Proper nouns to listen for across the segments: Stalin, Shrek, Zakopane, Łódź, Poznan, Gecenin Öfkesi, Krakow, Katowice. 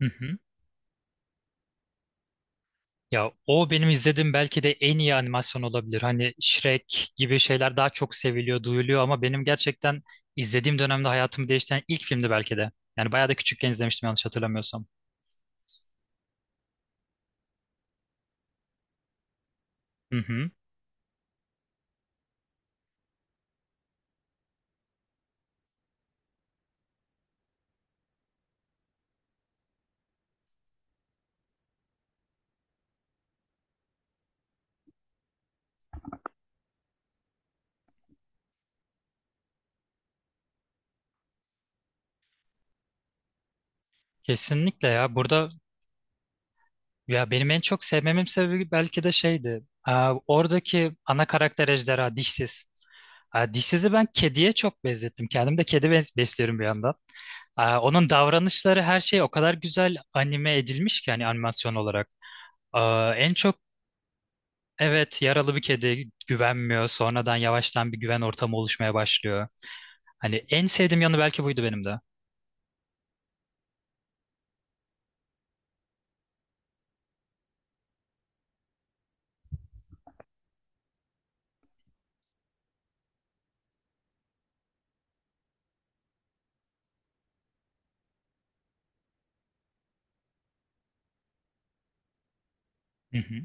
Hı hı. Ya o benim izlediğim belki de en iyi animasyon olabilir. Hani Shrek gibi şeyler daha çok seviliyor, duyuluyor ama benim gerçekten izlediğim dönemde hayatımı değiştiren ilk filmdi belki de. Yani bayağı da küçükken izlemiştim yanlış hatırlamıyorsam. Hı hı. Kesinlikle ya. Burada ya benim en çok sevmemin sebebi belki de şeydi. Oradaki ana karakter ejderha dişsiz. Dişsizi ben kediye çok benzettim. Kendim de kedi besliyorum bir yandan. Onun davranışları her şey o kadar güzel anime edilmiş ki hani animasyon olarak. En çok evet, yaralı bir kedi güvenmiyor. Sonradan yavaştan bir güven ortamı oluşmaya başlıyor. Hani en sevdiğim yanı belki buydu benim de. Hı hı.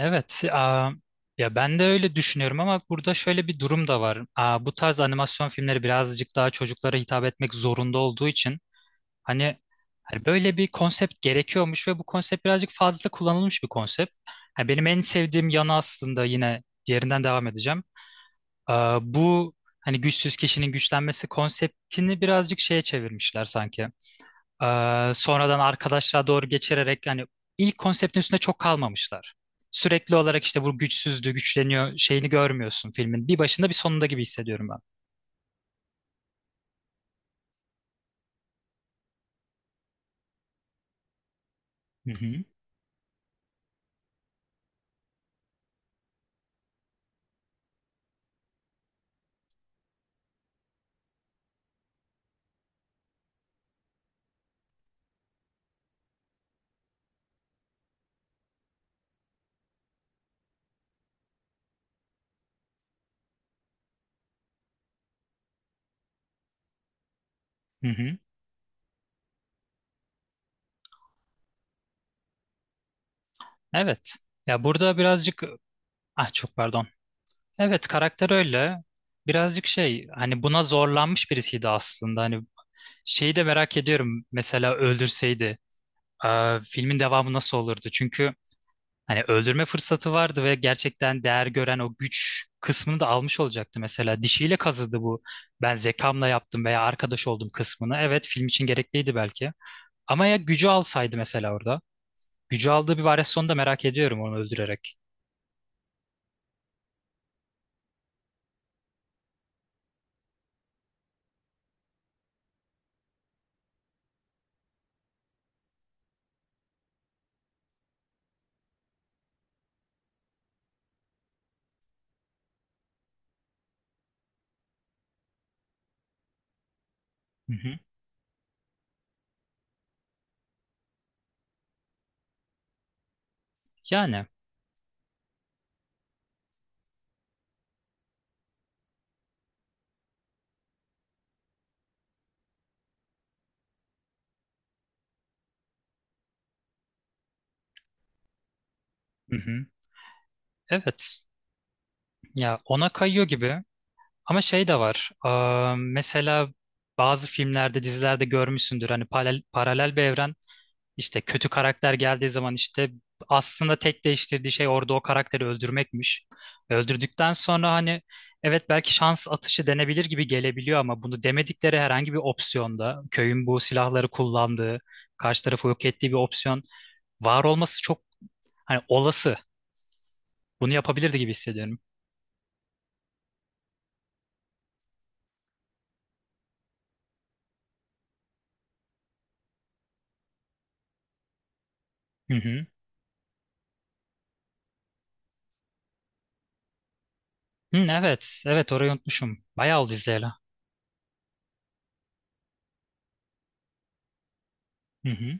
Evet, ya ben de öyle düşünüyorum ama burada şöyle bir durum da var. Bu tarz animasyon filmleri birazcık daha çocuklara hitap etmek zorunda olduğu için hani, hani böyle bir konsept gerekiyormuş ve bu konsept birazcık fazla kullanılmış bir konsept. Ha, benim en sevdiğim yanı aslında yine diğerinden devam edeceğim. Bu hani güçsüz kişinin güçlenmesi konseptini birazcık şeye çevirmişler sanki. Sonradan arkadaşlığa doğru geçirerek yani ilk konseptin üstünde çok kalmamışlar. Sürekli olarak işte bu güçsüzdü, güçleniyor şeyini görmüyorsun filmin. Bir başında bir sonunda gibi hissediyorum ben. Hı hı. Hı hı. Evet. Ya burada birazcık ah çok pardon. Evet karakter öyle. Birazcık şey hani buna zorlanmış birisiydi aslında. Hani şeyi de merak ediyorum. Mesela öldürseydi. Filmin devamı nasıl olurdu? Çünkü hani öldürme fırsatı vardı ve gerçekten değer gören o güç kısmını da almış olacaktı mesela. Dişiyle kazıdı bu. Ben zekamla yaptım veya arkadaş oldum kısmını. Evet film için gerekliydi belki. Ama ya gücü alsaydı mesela orada. Gücü aldığı bir varyasyon da merak ediyorum onu öldürerek. Hı hı. Yani. Hı hı. Evet. Ya ona kayıyor gibi. Ama şey de var. Mesela bazı filmlerde, dizilerde görmüşsündür. Hani paralel, paralel bir evren, İşte kötü karakter geldiği zaman işte aslında tek değiştirdiği şey orada o karakteri öldürmekmiş. Öldürdükten sonra hani evet belki şans atışı denebilir gibi gelebiliyor ama bunu demedikleri herhangi bir opsiyonda köyün bu silahları kullandığı, karşı tarafı yok ettiği bir opsiyon var olması çok hani olası. Bunu yapabilirdi gibi hissediyorum. Hı hı. Hı, evet, evet orayı unutmuşum. Bayağı oldu izleyeli. Hı hı.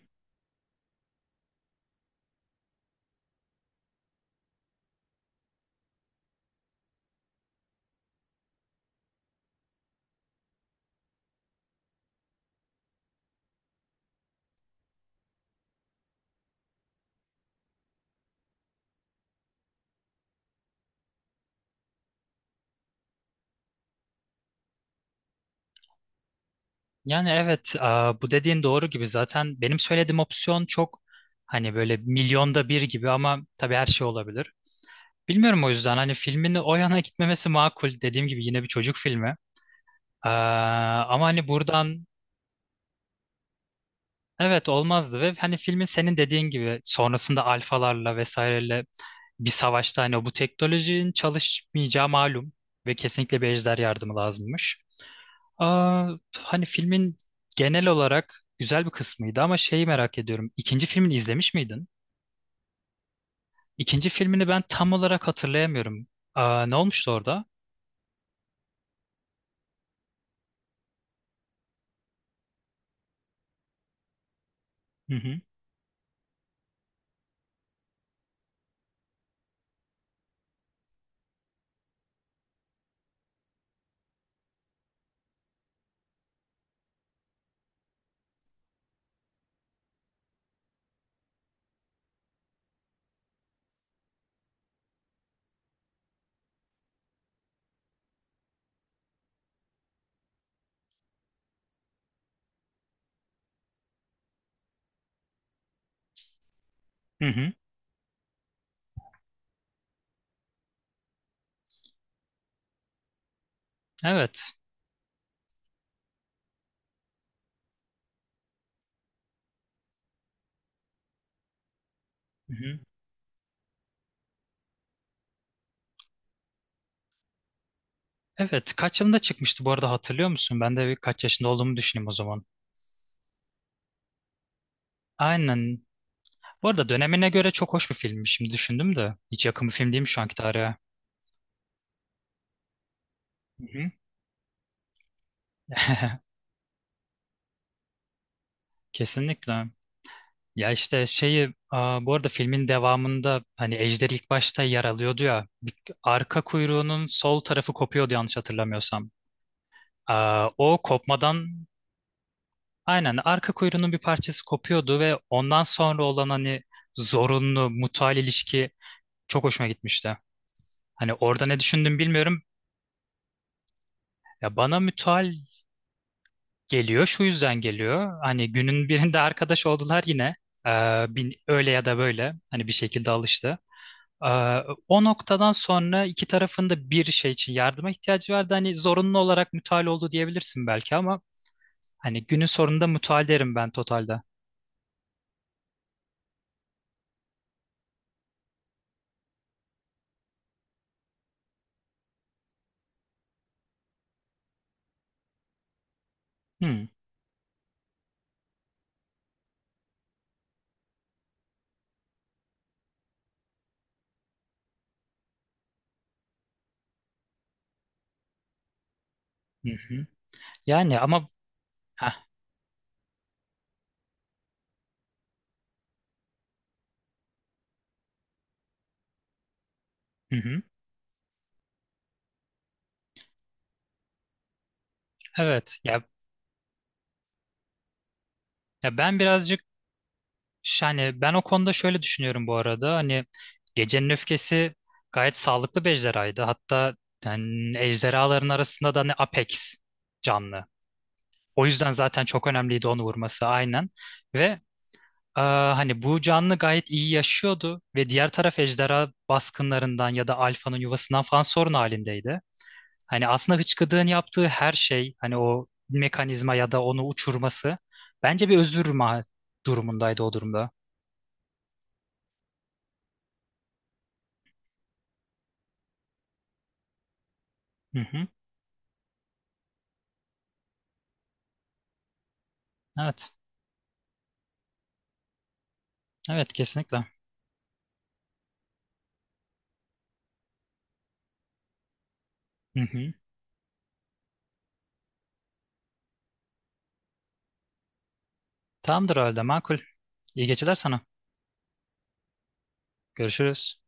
Yani evet, bu dediğin doğru gibi. Zaten benim söylediğim opsiyon çok hani böyle milyonda bir gibi ama tabii her şey olabilir. Bilmiyorum o yüzden hani filmin o yana gitmemesi makul. Dediğim gibi yine bir çocuk filmi. Aa, Ama hani buradan evet olmazdı ve hani filmin senin dediğin gibi sonrasında alfalarla vesaireyle bir savaşta hani bu teknolojinin çalışmayacağı malum ve kesinlikle bir ejder yardımı lazımmış. Aa, Hani filmin genel olarak güzel bir kısmıydı ama şeyi merak ediyorum. İkinci filmini izlemiş miydin? İkinci filmini ben tam olarak hatırlayamıyorum. Ne olmuştu orada? Hı hı. Hı hı. Evet. Hı hı. Evet. Kaç yılında çıkmıştı bu arada hatırlıyor musun? Ben de bir kaç yaşında olduğumu düşüneyim o zaman. Aynen. Bu arada dönemine göre çok hoş bir filmmiş. Şimdi düşündüm de. Hiç yakın bir film değil mi şu anki tarihe? Hı hı. Kesinlikle. Ya işte şeyi bu arada filmin devamında hani Ejder ilk başta yer alıyordu ya arka kuyruğunun sol tarafı kopuyordu yanlış hatırlamıyorsam. O kopmadan aynen arka kuyruğunun bir parçası kopuyordu ve ondan sonra olan hani zorunlu mutual ilişki çok hoşuma gitmişti. Hani orada ne düşündüm bilmiyorum. Ya bana mutual geliyor şu yüzden geliyor. Hani günün birinde arkadaş oldular yine. Öyle ya da böyle hani bir şekilde alıştı. Ee, O noktadan sonra iki tarafın da bir şey için yardıma ihtiyacı vardı. Hani zorunlu olarak mutual oldu diyebilirsin belki ama hani günün sonunda mutual derim ben totalde. Hmm. Hı hı. Yani ama heh, hı hı. Evet ya, ya ben birazcık yani ben o konuda şöyle düşünüyorum bu arada. Hani Gecenin Öfkesi gayet sağlıklı bir ejderhaydı. Hatta yani ejderhaların arasında da ne Apex canlı. O yüzden zaten çok önemliydi onu vurması aynen. Ve hani bu canlı gayet iyi yaşıyordu ve diğer taraf ejderha baskınlarından ya da alfanın yuvasından falan sorun halindeydi. Hani aslında hıçkıdığın yaptığı her şey hani o mekanizma ya da onu uçurması bence bir özür ma durumundaydı o durumda. Hı hı. Evet. Evet kesinlikle. Hı hı. Tamamdır o halde makul. İyi geceler sana. Görüşürüz.